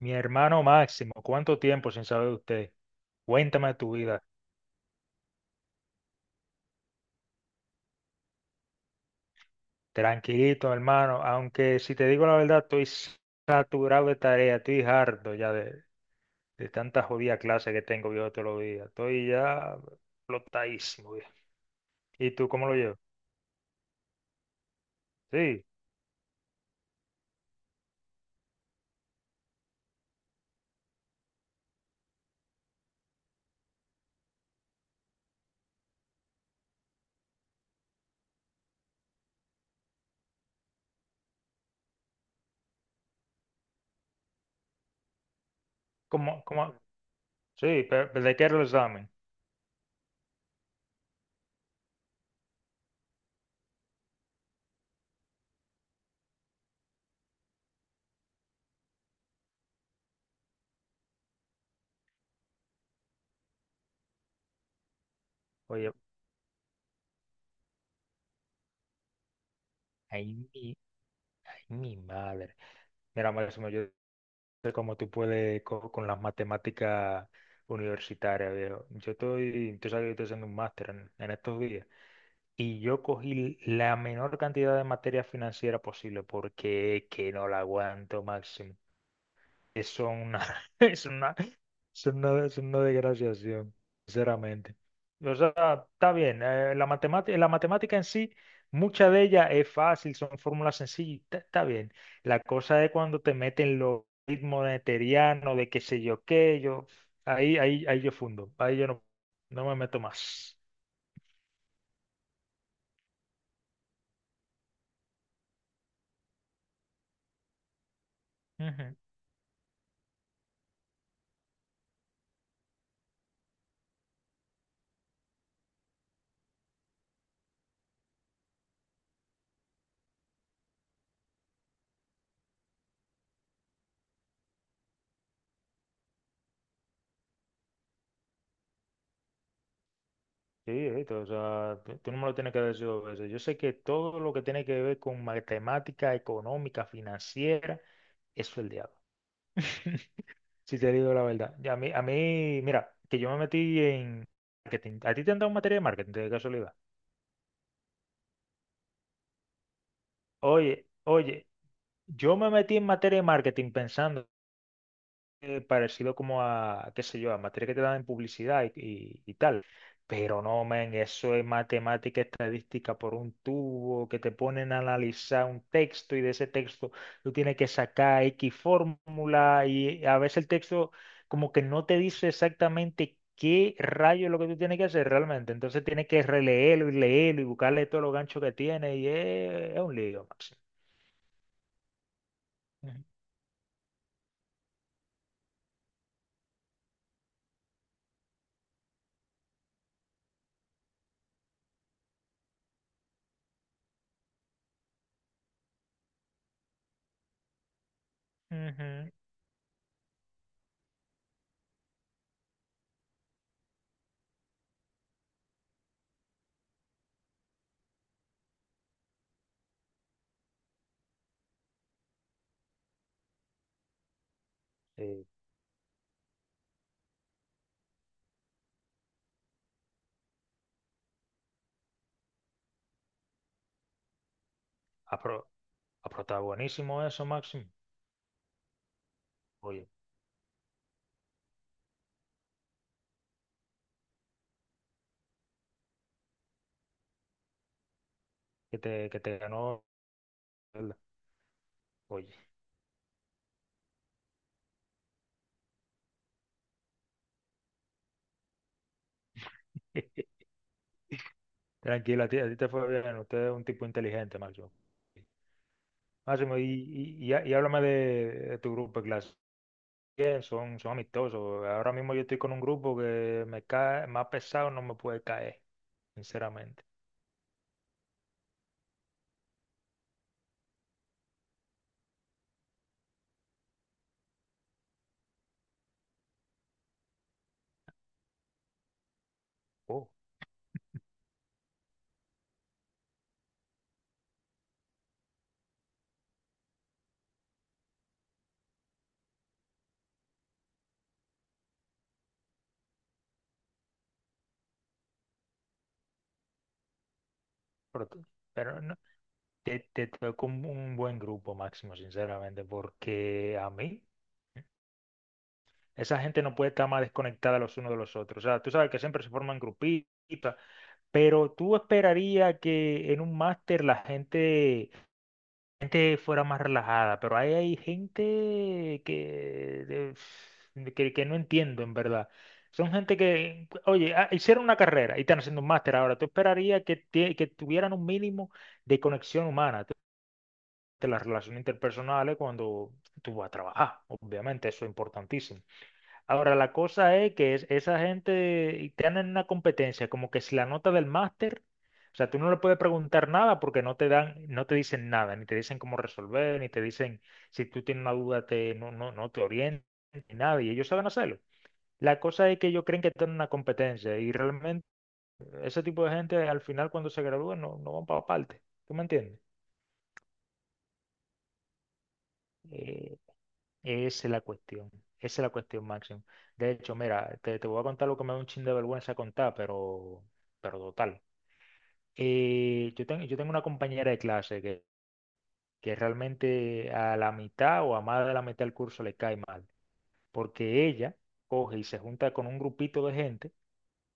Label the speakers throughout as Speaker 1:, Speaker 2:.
Speaker 1: Mi hermano Máximo, ¿cuánto tiempo sin saber de usted? Cuéntame tu vida. Tranquilito, hermano, aunque si te digo la verdad, estoy saturado de tarea, estoy harto ya de tanta jodida clase que tengo yo todos los días. Estoy ya flotadísimo, viejo. ¿Y tú cómo lo llevas? Sí, ¿cómo, cómo? Sí, pero ¿de qué era el examen? Oye, ay mi, ay, mi madre. Mira, Máximo, yo sé cómo tú puedes con, las matemáticas universitarias, viejo. Yo estoy, tú sabes que yo estoy haciendo un máster en estos días y yo cogí la menor cantidad de materia financiera posible porque es que no la aguanto, Máximo. Es una, es una es una desgraciación, sinceramente. O sea, está bien. La matemática en sí, mucha de ella es fácil, son fórmulas sencillas, está bien. La cosa es cuando te meten los ritmos newtonianos, de qué sé yo qué, ahí yo fundo, ahí yo no me meto más. Ujú. Sí, esto, o sea, tú no me lo tienes que decir dos veces. Yo sé que todo lo que tiene que ver con matemática económica, financiera, eso es el diablo. Si te digo la verdad. Y a mí, mira, que yo me metí en marketing. ¿A ti te han dado materia de marketing de casualidad? Oye, oye, yo me metí en materia de marketing pensando parecido como qué sé yo, a materia que te dan en publicidad y tal. Pero no, men eso es matemática estadística por un tubo, que te ponen a analizar un texto y de ese texto tú tienes que sacar X fórmula y a veces el texto como que no te dice exactamente qué rayo es lo que tú tienes que hacer realmente. Entonces tienes que releerlo y leerlo y buscarle todos los ganchos que tiene y es un lío, Máximo. Ujú. Ujú. Sí. Ah, pero- ah, pero está buenísimo eso, Máximo. Oye, que te ganó. ¿Verdad? Oye, tranquilo, a ti te fue bien. Usted es un tipo inteligente, Máximo. Máximo, y háblame de tu grupo de clase. ¿Qué? Son amistosos. Ahora mismo yo estoy con un grupo que me cae, más pesado no me puede caer, sinceramente. Oh, pero, tú- pero no, te tocó un buen grupo, Máximo, sinceramente, porque a mí, esa gente no puede estar más desconectada los unos de los otros. O sea, tú sabes que siempre se forman grupitos. Pero tú esperaría que en un máster la gente fuera más relajada, pero ahí hay gente que, de- que no entiendo en verdad. Son gente que, oye, ah, hicieron una carrera y están haciendo un máster ahora. Tú esperaría que tuvieran un mínimo de conexión humana, de las relaciones interpersonales cuando tú vas a trabajar. Obviamente, eso es importantísimo. Ahora, la cosa es que esa gente y te una competencia, como que si la nota del máster, o sea, tú no le puedes preguntar nada porque no te dan, no te dicen nada, ni te dicen cómo resolver, ni te dicen si tú tienes una duda, te, no, no, no te orientan, ni nada, y ellos saben hacerlo. La cosa es que ellos creen que tienen una competencia y realmente ese tipo de gente al final cuando se gradúan no van para parte, ¿tú me entiendes? Eh, Esa es la cuestión, esa es la cuestión, Máximo. De hecho, mira, te voy a contar lo que me da un chin de vergüenza contar, pero total. Yo tengo una compañera de clase que realmente a la mitad o a más de la mitad del curso le cae mal, porque ella coge y se junta con un grupito de gente,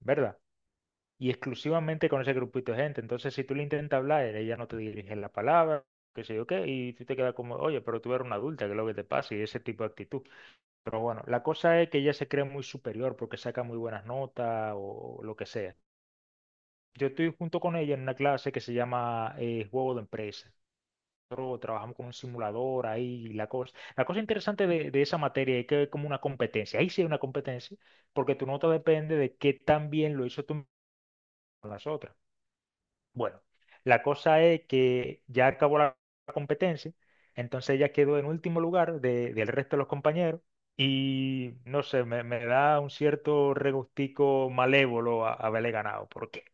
Speaker 1: ¿verdad? Y exclusivamente con ese grupito de gente. Entonces, si tú le intentas hablar, ella no te dirige la palabra, qué sé yo qué, y tú te quedas como, oye, pero tú eres una adulta, ¿qué es lo que te pasa? Y ese tipo de actitud. Pero bueno, la cosa es que ella se cree muy superior porque saca muy buenas notas o lo que sea. Yo estoy junto con ella en una clase que se llama Juego de Empresa. Nosotros trabajamos con un simulador ahí y la cosa. La cosa interesante de esa materia es que es como una competencia. Ahí sí hay una competencia porque tu nota depende de qué tan bien lo hizo tú con las otras. Bueno, la cosa es que ya acabó la competencia, entonces ella quedó en último lugar del resto de los compañeros y no sé, me da un cierto regustico malévolo haberle ganado, porque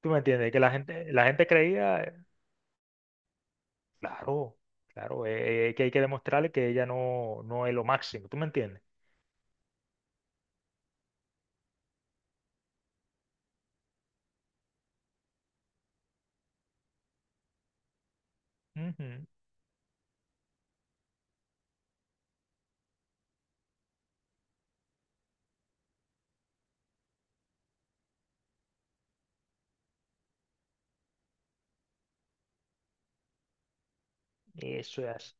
Speaker 1: tú me entiendes, que la gente creía, claro, claro, que hay que demostrarle que ella no es lo máximo, ¿tú me entiendes? Ujú. Eso es así.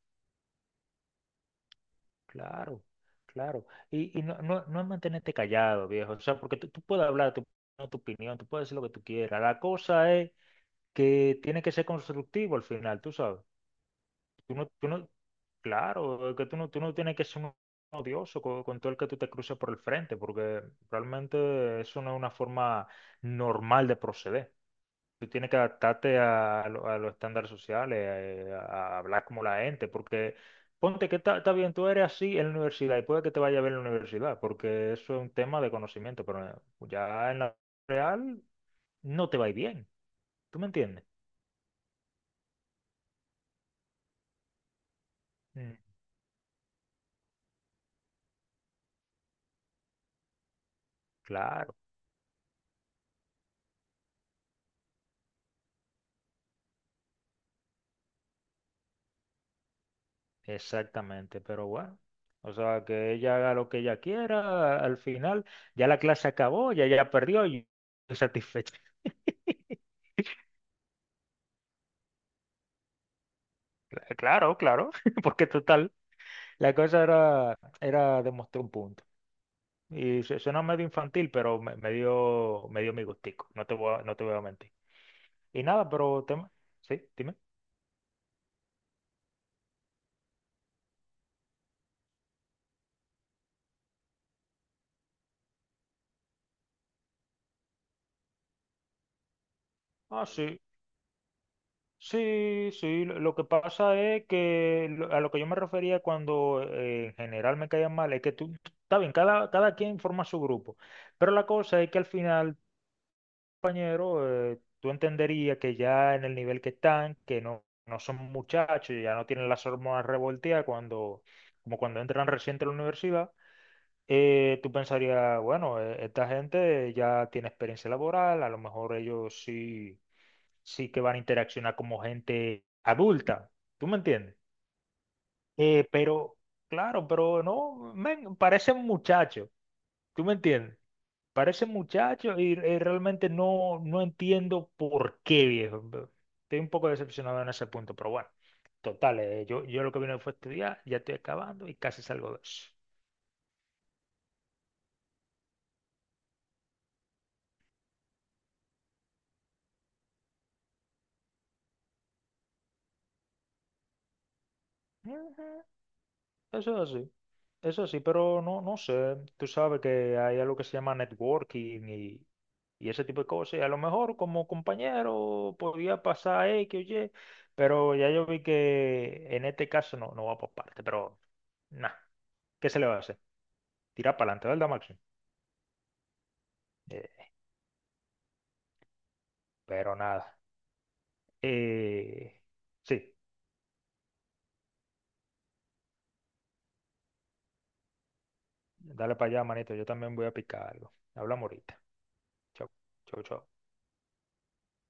Speaker 1: Claro, claro. Y no es mantenerte callado, viejo. O sea, porque tú puedes hablar tu opinión, tú puedes decir lo que tú quieras. La cosa es que tiene que ser constructivo al final, tú sabes. Tú no, claro, es que tú no tienes que ser un odioso con todo el que tú te cruces por el frente, porque realmente eso no es una forma normal de proceder. Tú tienes que adaptarte a los estándares sociales, a hablar como la gente, porque ponte que está bien, tú eres así en la universidad y puede que te vaya bien en la universidad, porque eso es un tema de conocimiento, pero ya en la real no te va a ir bien. ¿Tú me entiendes? Mm, claro, exactamente, pero bueno. O sea, que ella haga lo que ella quiera, al final ya la clase acabó, ya perdió y estoy satisfecho. Claro, claro, porque total. La cosa era, era demostrar un punto. Y suena medio infantil, pero me dio mi gustico. No te voy a mentir. Y nada, pero tema. Sí, dime. Ah, sí. Sí, sí. Lo que pasa es que a lo que yo me refería cuando en general me caían mal es que está bien, cada quien forma su grupo. Pero la cosa es que al final compañero, tú entenderías que ya en el nivel que están, que no son muchachos, ya no tienen las hormonas revolteadas cuando, como cuando entran reciente a la universidad, tú pensarías, bueno, esta gente ya tiene experiencia laboral, a lo mejor ellos sí, sí que van a interaccionar como gente adulta, ¿tú me entiendes? Eh, pero, no, men, parecen muchachos, ¿tú me entiendes? Parece muchacho y, realmente no entiendo por qué, viejo. Estoy un poco decepcionado en ese punto, pero bueno, total, yo lo que vine fue a estudiar, ya estoy acabando y casi salgo de eso. Ujú. Eso es así, eso sí, pero no, no sé, tú sabes que hay algo que se llama networking y ese tipo de cosas, y a lo mejor como compañero podía pasar X o Y, pero ya yo vi que en este caso no va por parte, pero nada, ¿qué se le va a hacer? Tira para adelante, ¿verdad, Maxi? Eh, pero nada. Eh, sí, dale para allá, manito. Yo también voy a picar algo. Hablamos ahorita. Chau, chau, chau.